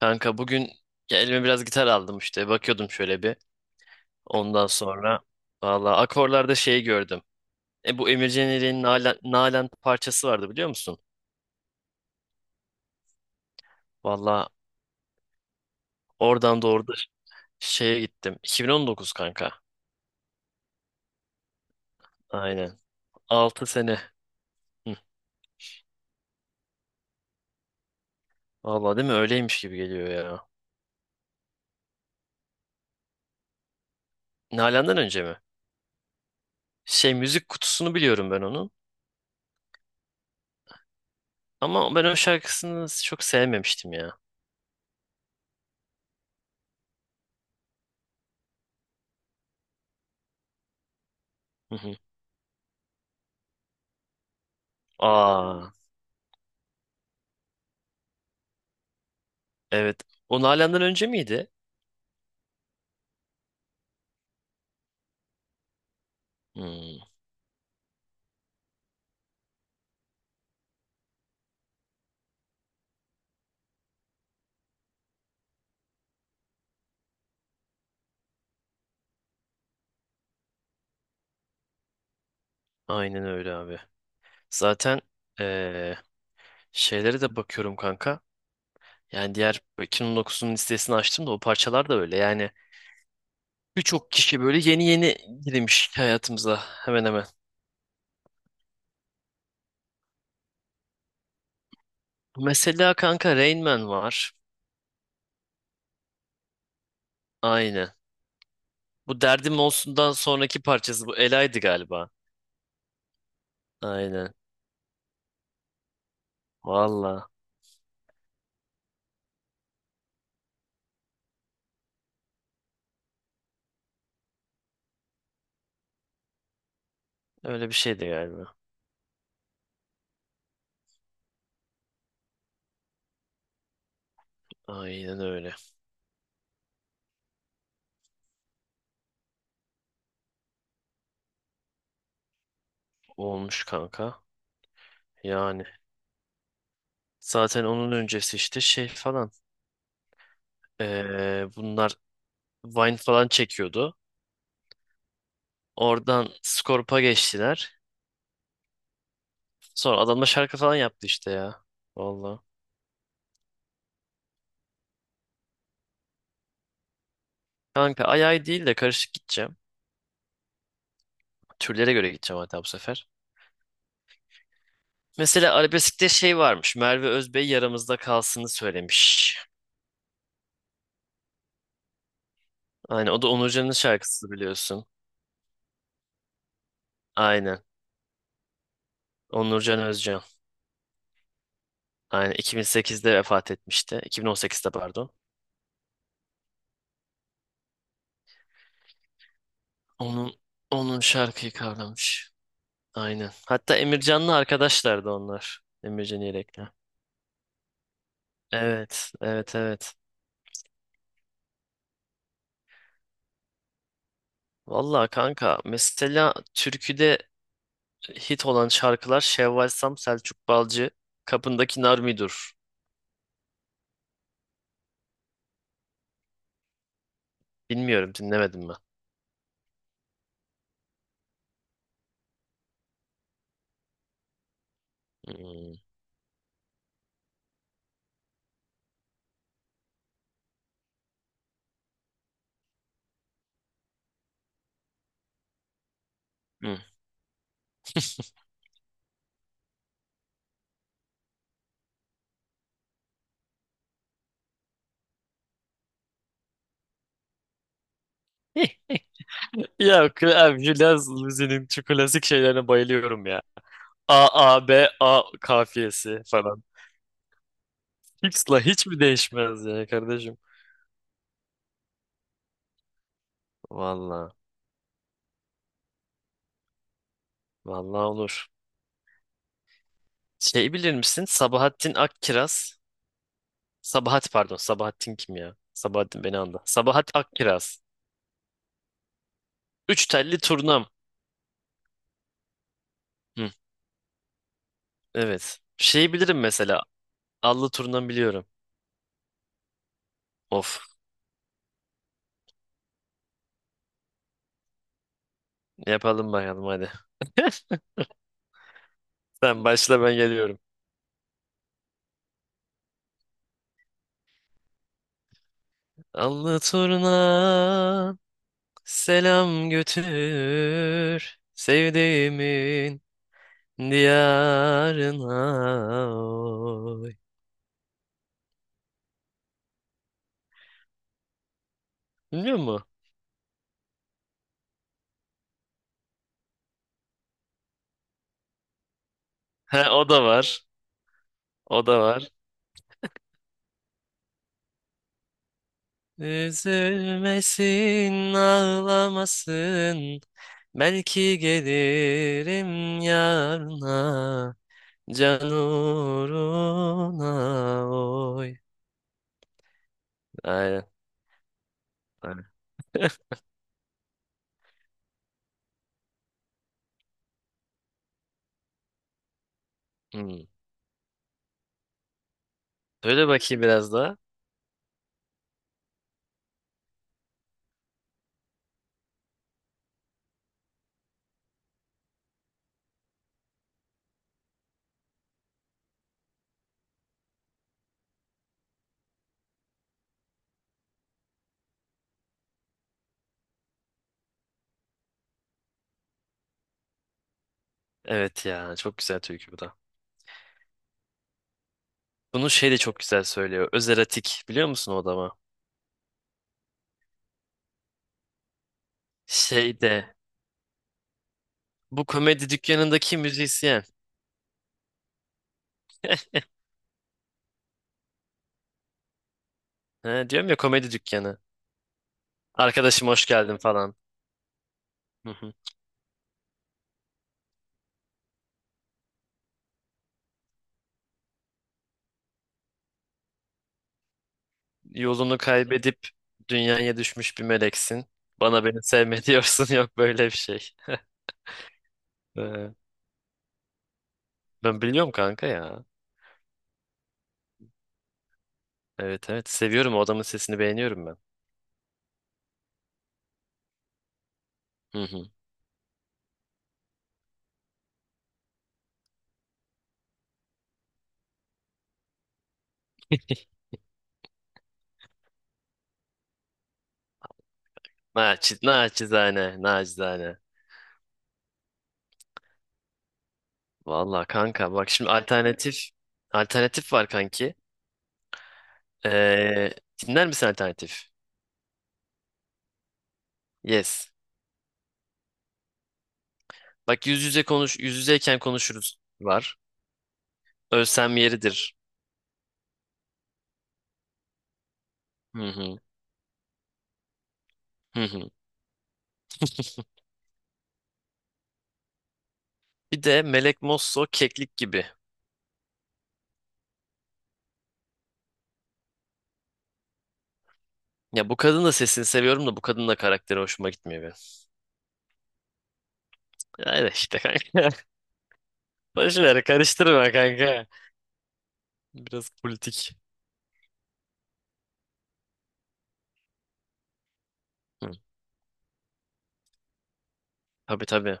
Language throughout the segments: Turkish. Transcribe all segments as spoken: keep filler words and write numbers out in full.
Kanka bugün ya elime biraz gitar aldım işte. Bakıyordum şöyle bir. Ondan sonra valla akorlarda şey gördüm. E bu Emircan İrik'in Nalan, Nalan parçası vardı biliyor musun? Valla oradan doğru da şeye gittim. iki bin on dokuz kanka. Aynen. Altı sene. Hı. Valla değil mi? Öyleymiş gibi geliyor ya. Nalan'dan önce mi? Şey müzik kutusunu biliyorum ben onun. Ama ben o şarkısını çok sevmemiştim ya. Hı hı. Aa, evet. O Nalan'dan önce miydi? Hmm, aynen öyle abi. Zaten eee, şeylere de bakıyorum kanka. Yani diğer iki bin on dokuzun listesini açtım da o parçalar da öyle. Yani birçok kişi böyle yeni yeni girmiş hayatımıza hemen hemen. Mesela kanka Rain Man var. Aynen. Bu Derdim Olsun'dan sonraki parçası bu Ela'ydı galiba. Aynen. Valla. Öyle bir şeydi galiba. Aynen öyle. Olmuş kanka. Yani. Zaten onun öncesi işte şey falan. Eee, bunlar Vine falan çekiyordu. Oradan Skorp'a geçtiler. Sonra adamla şarkı falan yaptı işte ya. Valla. Kanka ay ay değil de karışık gideceğim. Türlere göre gideceğim hatta bu sefer. Mesela arabeskte şey varmış. Merve Özbey yaramızda kalsını söylemiş. Aynen o da Onurcan'ın şarkısı biliyorsun. Aynen. Onurcan Özcan. Aynen iki bin sekizde vefat etmişti. iki bin on sekizde pardon. Onun onun şarkıyı kavramış. Aynen. Hatta Emircan'la arkadaşlardı onlar. Emircan Yelek'le. Evet, evet, evet. Vallahi kanka mesela türküde hit olan şarkılar Şevval Sam, Selçuk Balcı, Kapındaki Nar Midur. Bilmiyorum dinlemedim mi? Hmm. Hmm. Ya Abjülaz Luzi'nin şu klasik şeylerine bayılıyorum ya. A, A, B, A kafiyesi falan. X'la hiç mi değişmez ya kardeşim? Valla, valla olur. Şey bilir misin? Sabahattin Akkiraz. Sabahat pardon, Sabahattin kim ya? Sabahattin beni anla. Sabahat Akkiraz. Üç telli turnam. Hı, evet. Şeyi bilirim mesela. Allı turundan biliyorum. Of. Yapalım bakalım hadi. Sen başla ben geliyorum. Allı turna selam götür sevdiğimin diyarına. Oy. Biliyor musun? He, o da var. O da var. Üzülmesin, ağlamasın. Belki gelirim yarına. Can uğruna oy. Aynen. Aynen. Hmm. Böyle bakayım biraz daha. Evet ya çok güzel türkü bu da. Bunu şey de çok güzel söylüyor. Öz erotik biliyor musun o adamı? Şey de bu komedi dükkanındaki müzisyen. He, diyorum ya komedi dükkanı. Arkadaşım hoş geldin falan. Hı hı. Yolunu kaybedip dünyaya düşmüş bir meleksin. Bana beni sevme diyorsun yok böyle bir şey. Ee, ben biliyorum kanka ya. Evet, evet, seviyorum o adamın sesini beğeniyorum ben. Hı hı. Naçiz, naçizane, naçizane. Valla kanka bak şimdi alternatif alternatif var kanki. Ee, dinler misin alternatif? Yes. Bak yüz yüze konuş yüz yüzeyken konuşuruz var. Ölsem yeridir. Hı hı. Hı hı. Bir de Melek Mosso keklik gibi. Ya bu kadın da sesini seviyorum da bu kadın da karakteri hoşuma gitmiyor benim. Öyle işte kanka. Boş ver karıştırma kanka. Biraz politik. Hı. Tabii, tabii.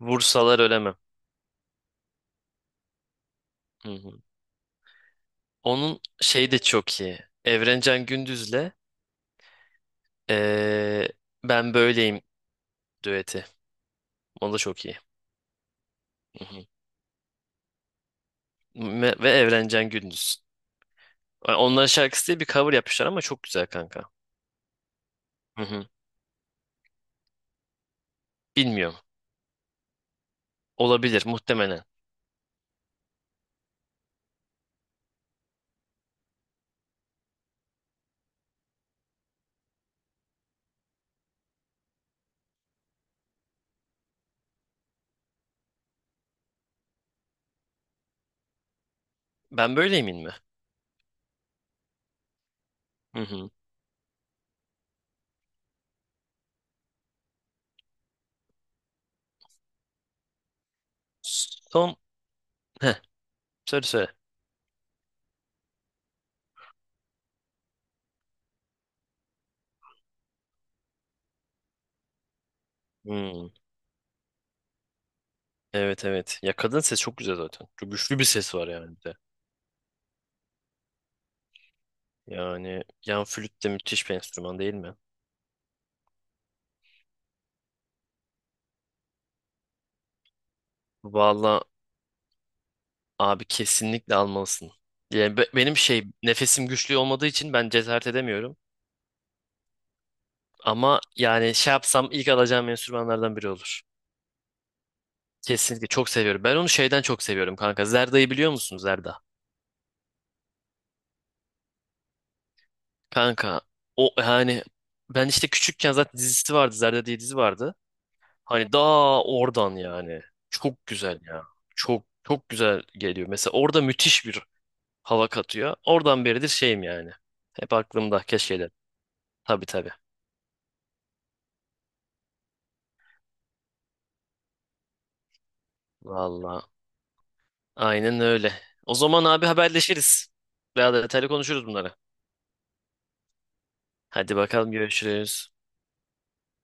Vursalar ölemem. Hı hı. Onun şey de çok iyi. Evrencan Gündüz'le eee, Ben Böyleyim düeti. O da çok iyi. Hı hı. Me- Ve Evrencan Gündüz. Yani onların şarkısı diye bir cover yapmışlar ama çok güzel kanka. Hı hı. Bilmiyorum. Olabilir muhtemelen. Ben Böyleyim'in mi? Hı hı. Son... Heh, söyle söyle. Hmm. Evet, evet. Ya kadın ses çok güzel zaten. Çok güçlü bir ses var yani bir de. Yani yan flüt de müthiş bir enstrüman değil mi? Valla. Abi kesinlikle almalısın. Yani be- benim şey nefesim güçlü olmadığı için ben cesaret edemiyorum. Ama yani şey yapsam ilk alacağım enstrümanlardan biri olur. Kesinlikle çok seviyorum. Ben onu şeyden çok seviyorum kanka. Zerda'yı biliyor musun Zerda? Kanka o yani ben işte küçükken zaten dizisi vardı. Zerda diye dizi vardı. Hani daha oradan yani. Çok güzel ya. Çok çok güzel geliyor. Mesela orada müthiş bir hava katıyor. Oradan beridir şeyim yani. Hep aklımda keşke de. Tabii, tabii. Vallahi. Aynen öyle. O zaman abi haberleşiriz. Daha detaylı konuşuruz bunları. Hadi bakalım görüşürüz.